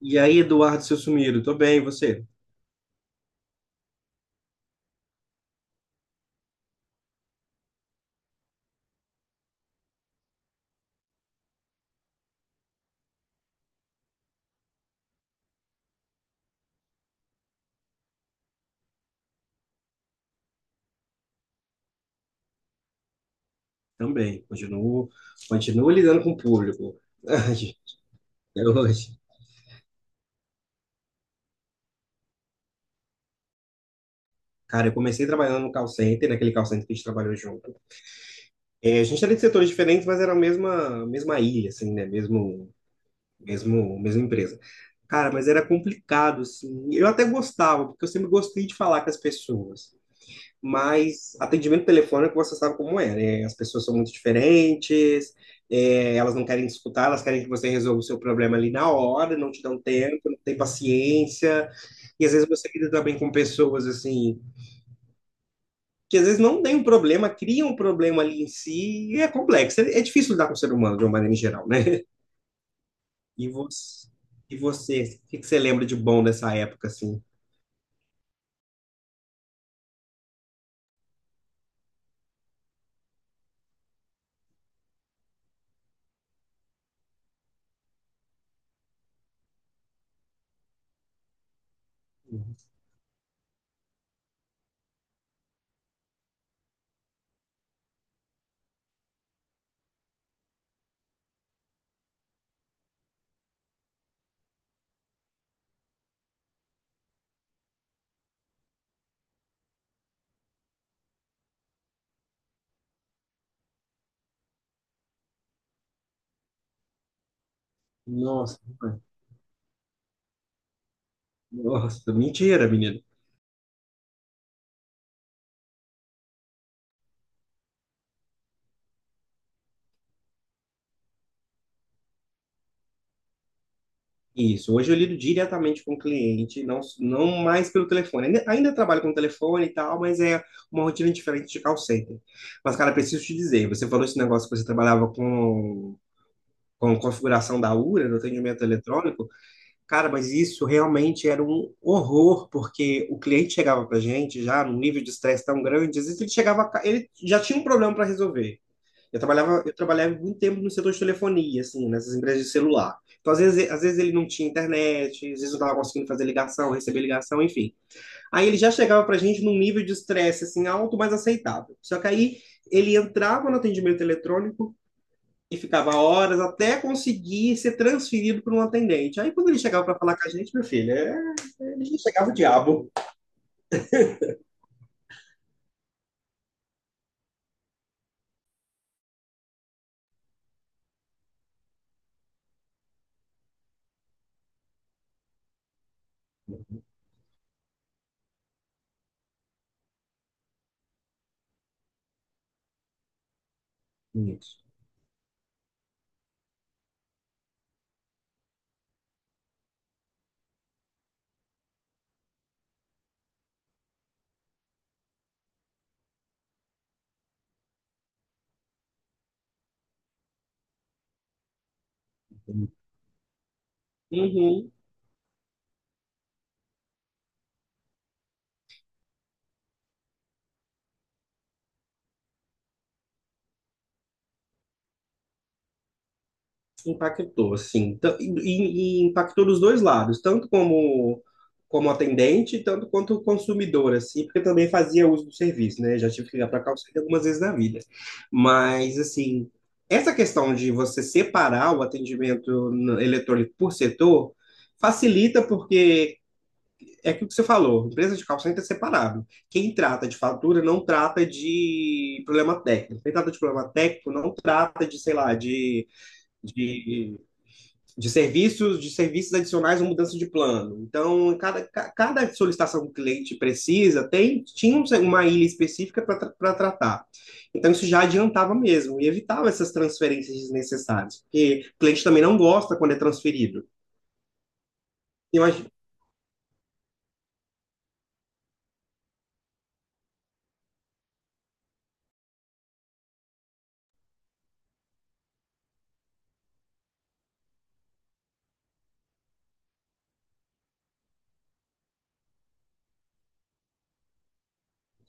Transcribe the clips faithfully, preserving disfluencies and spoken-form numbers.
E aí, Eduardo, seu sumido, tô bem, e você? Também, continuo, continuo lidando com o público. É hoje. Cara, eu comecei trabalhando no call center, naquele call center que a gente trabalhou junto. É, a gente era de setores diferentes, mas era a mesma, mesma ilha, assim, né? Mesmo, mesmo, mesma empresa. Cara, mas era complicado, assim. Eu até gostava, porque eu sempre gostei de falar com as pessoas. Mas atendimento telefônico você sabe como é, né? As pessoas são muito diferentes, é, elas não querem escutar, elas querem que você resolva o seu problema ali na hora, não te dão tempo, não tem paciência. E às vezes você lida também com pessoas assim, que às vezes não tem um problema, criam um problema ali em si, e é complexo. É, é difícil lidar com o ser humano de uma maneira em geral, né? E você, e você, o que que você lembra de bom dessa época, assim? Nossa, nossa, mentira, menino. Isso, hoje eu lido diretamente com o cliente, não, não mais pelo telefone. Ainda, ainda trabalho com telefone e tal, mas é uma rotina diferente de call center. Mas, cara, preciso te dizer, você falou esse negócio que você trabalhava com, com configuração da U R A, do atendimento eletrônico. Cara, mas isso realmente era um horror, porque o cliente chegava pra gente já num nível de estresse tão grande, às vezes ele chegava, ca- ele já tinha um problema para resolver. Eu trabalhava, eu trabalhava muito tempo no setor de telefonia, assim, nessas empresas de celular. Então, às vezes, às vezes ele não tinha internet, às vezes não estava conseguindo fazer ligação, receber ligação, enfim. Aí ele já chegava para a gente num nível de estresse, assim, alto, mas aceitável. Só que aí ele entrava no atendimento eletrônico e ficava horas até conseguir ser transferido para um atendente. Aí quando ele chegava para falar com a gente, meu filho, é- ele já chegava o diabo. Isso. Uhum, impactou, assim. Tan- E, e e impactou dos dois lados, tanto como, como atendente, tanto quanto consumidor, assim, porque eu também fazia uso do serviço, né? Já tive que ligar para a call center algumas vezes na vida. Mas, assim, essa questão de você separar o atendimento no- eletrônico por setor facilita, porque é aquilo que você falou, empresa de call center é separável. Quem trata de fatura não trata de problema técnico. Quem trata de problema técnico não trata de, sei lá, de, de, de serviços, de serviços adicionais ou mudança de plano. Então, cada, ca- cada solicitação que o cliente precisa tem, tinha uma ilha específica para tratar. Então, isso já adiantava mesmo e evitava essas transferências desnecessárias, porque o cliente também não gosta quando é transferido. Imagina.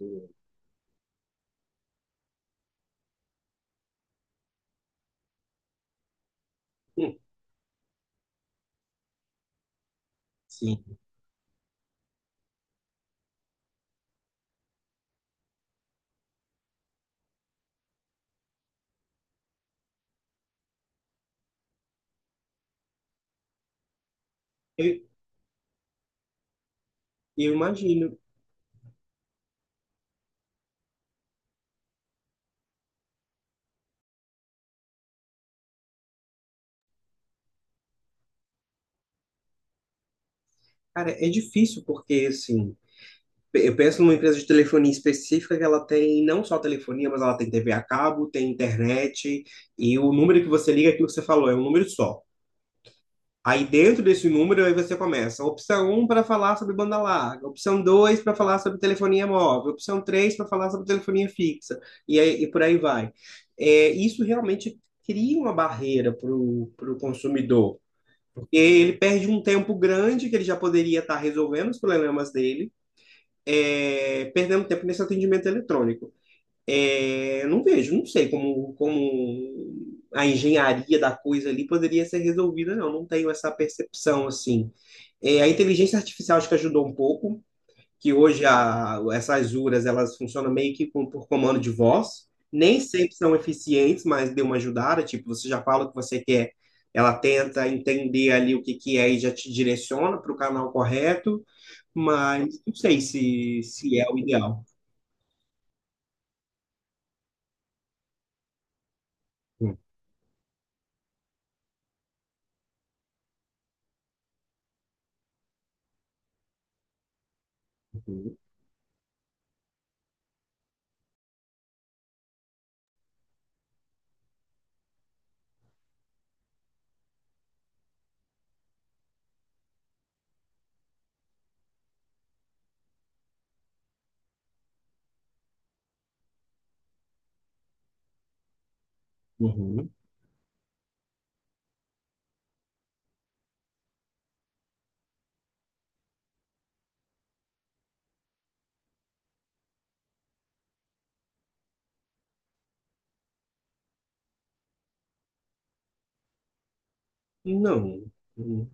Hum, Sim. Eu, eu imagino. Cara, é difícil porque, assim, pe- eu penso numa empresa de telefonia específica que ela tem não só telefonia, mas ela tem T V a cabo, tem internet, e o número que você liga, é aquilo que você falou, é um número só. Aí dentro desse número, aí você começa. Opção um para falar sobre banda larga, opção dois para falar sobre telefonia móvel, opção três para falar sobre telefonia fixa, e, aí, e por aí vai. É, isso realmente cria uma barreira para o consumidor, porque ele perde um tempo grande que ele já poderia estar resolvendo os problemas dele, é, perdendo tempo nesse atendimento eletrônico. É, não vejo, não sei como, como a engenharia da coisa ali poderia ser resolvida, não. Não tenho essa percepção assim. É, a inteligência artificial acho que ajudou um pouco, que hoje a, essas U R As elas funcionam meio que com- por comando de voz. Nem sempre são eficientes, mas deu uma ajudada. Tipo, você já fala o que você quer, ela tenta entender ali o que que é e já te direciona para o canal correto mas não sei se, se é o ideal. Uhum, uhum. Não, não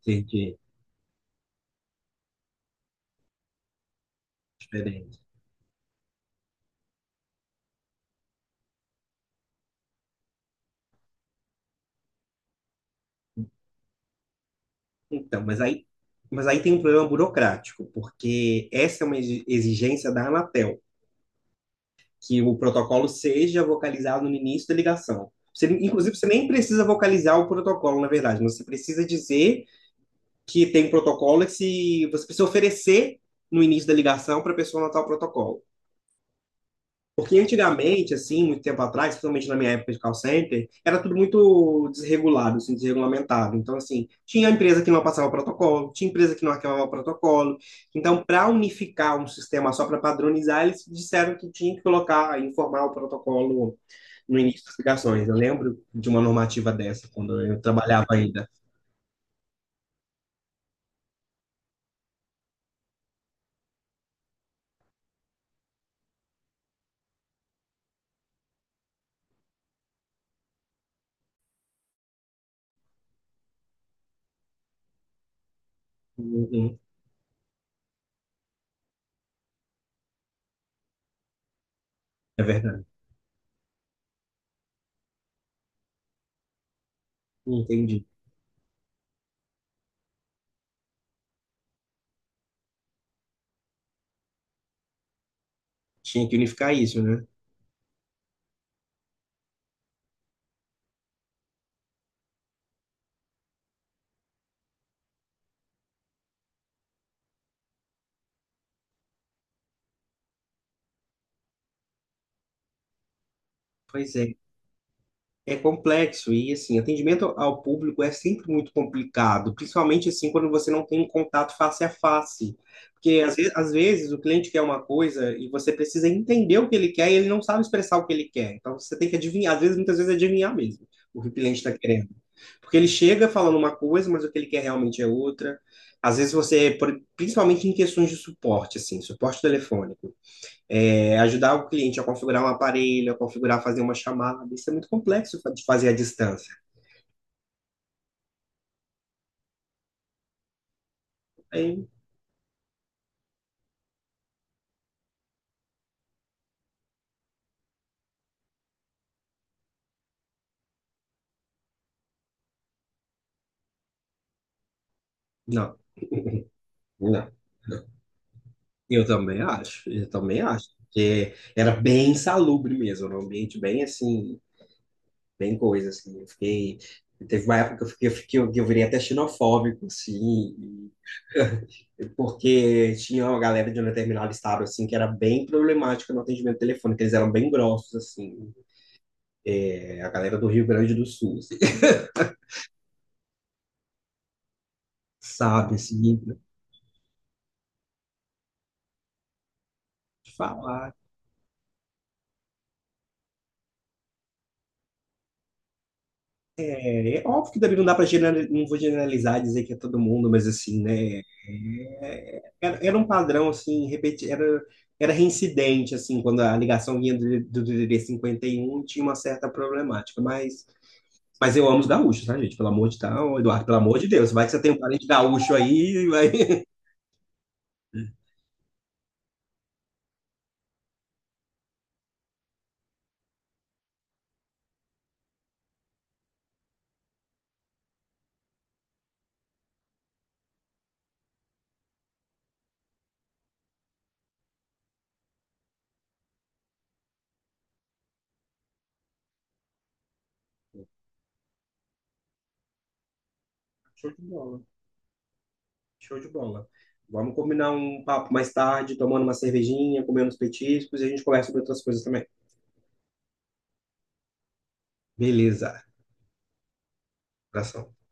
sei de diferente. Então, mas aí, mas aí tem um problema burocrático, porque essa é uma exi- exigência da Anatel, que o protocolo seja vocalizado no início da ligação. Você, inclusive, você nem precisa vocalizar o protocolo, na verdade, mas você precisa dizer que tem um protocolo e que se, você precisa oferecer no início da ligação para a pessoa anotar o protocolo. Porque antigamente, assim, muito tempo atrás, principalmente na minha época de call center, era tudo muito desregulado, assim, desregulamentado. Então, assim, tinha empresa que não passava protocolo, tinha empresa que não arquivava protocolo. Então, para unificar um sistema só para padronizar, eles disseram que tinha que colocar, informar o protocolo no início das ligações. Eu lembro de uma normativa dessa, quando eu trabalhava ainda. Uhum, é verdade. Entendi. Tinha que unificar isso, né? Pois é. É complexo e assim, atendimento ao público é sempre muito complicado, principalmente assim quando você não tem um contato face a face. Porque às ve- às vezes, o cliente quer uma coisa e você precisa entender o que ele quer e ele não sabe expressar o que ele quer. Então você tem que adivinhar, às vezes, muitas vezes adivinhar mesmo o que o cliente está querendo. Porque ele chega falando uma coisa, mas o que ele quer realmente é outra. Às vezes você, por- principalmente em questões de suporte, assim, suporte telefônico é, ajudar o cliente a configurar um aparelho, a configurar, fazer uma chamada. Isso é muito complexo fa- de fazer à distância. Aí, não, não. Eu também acho, eu também acho. Porque era bem insalubre mesmo, era um ambiente bem assim, bem coisa assim. Eu fiquei, teve uma época que eu fiquei, eu fiquei- que eu virei até xenofóbico, assim, e- porque tinha uma galera de um determinado estado, assim, que era bem problemática no atendimento telefônico, eles eram bem grossos, assim, é, a galera do Rio Grande do Sul, assim, sabe, assim, de falar. É, é óbvio que também não dá para não vou generalizar e dizer que é todo mundo, mas assim, né? É, era, era um padrão assim, repeti, era, era reincidente assim, quando a ligação vinha do, do D D D cinquenta e um tinha uma certa problemática, mas mas eu amo os gaúchos, tá, gente? Pelo amor de tal, Eduardo, pelo amor de Deus, vai que você tem um parente gaúcho aí, vai. Show de bola, show de bola. Vamos combinar um papo mais tarde, tomando uma cervejinha, comendo uns petiscos e a gente conversa sobre outras coisas também. Beleza, abração.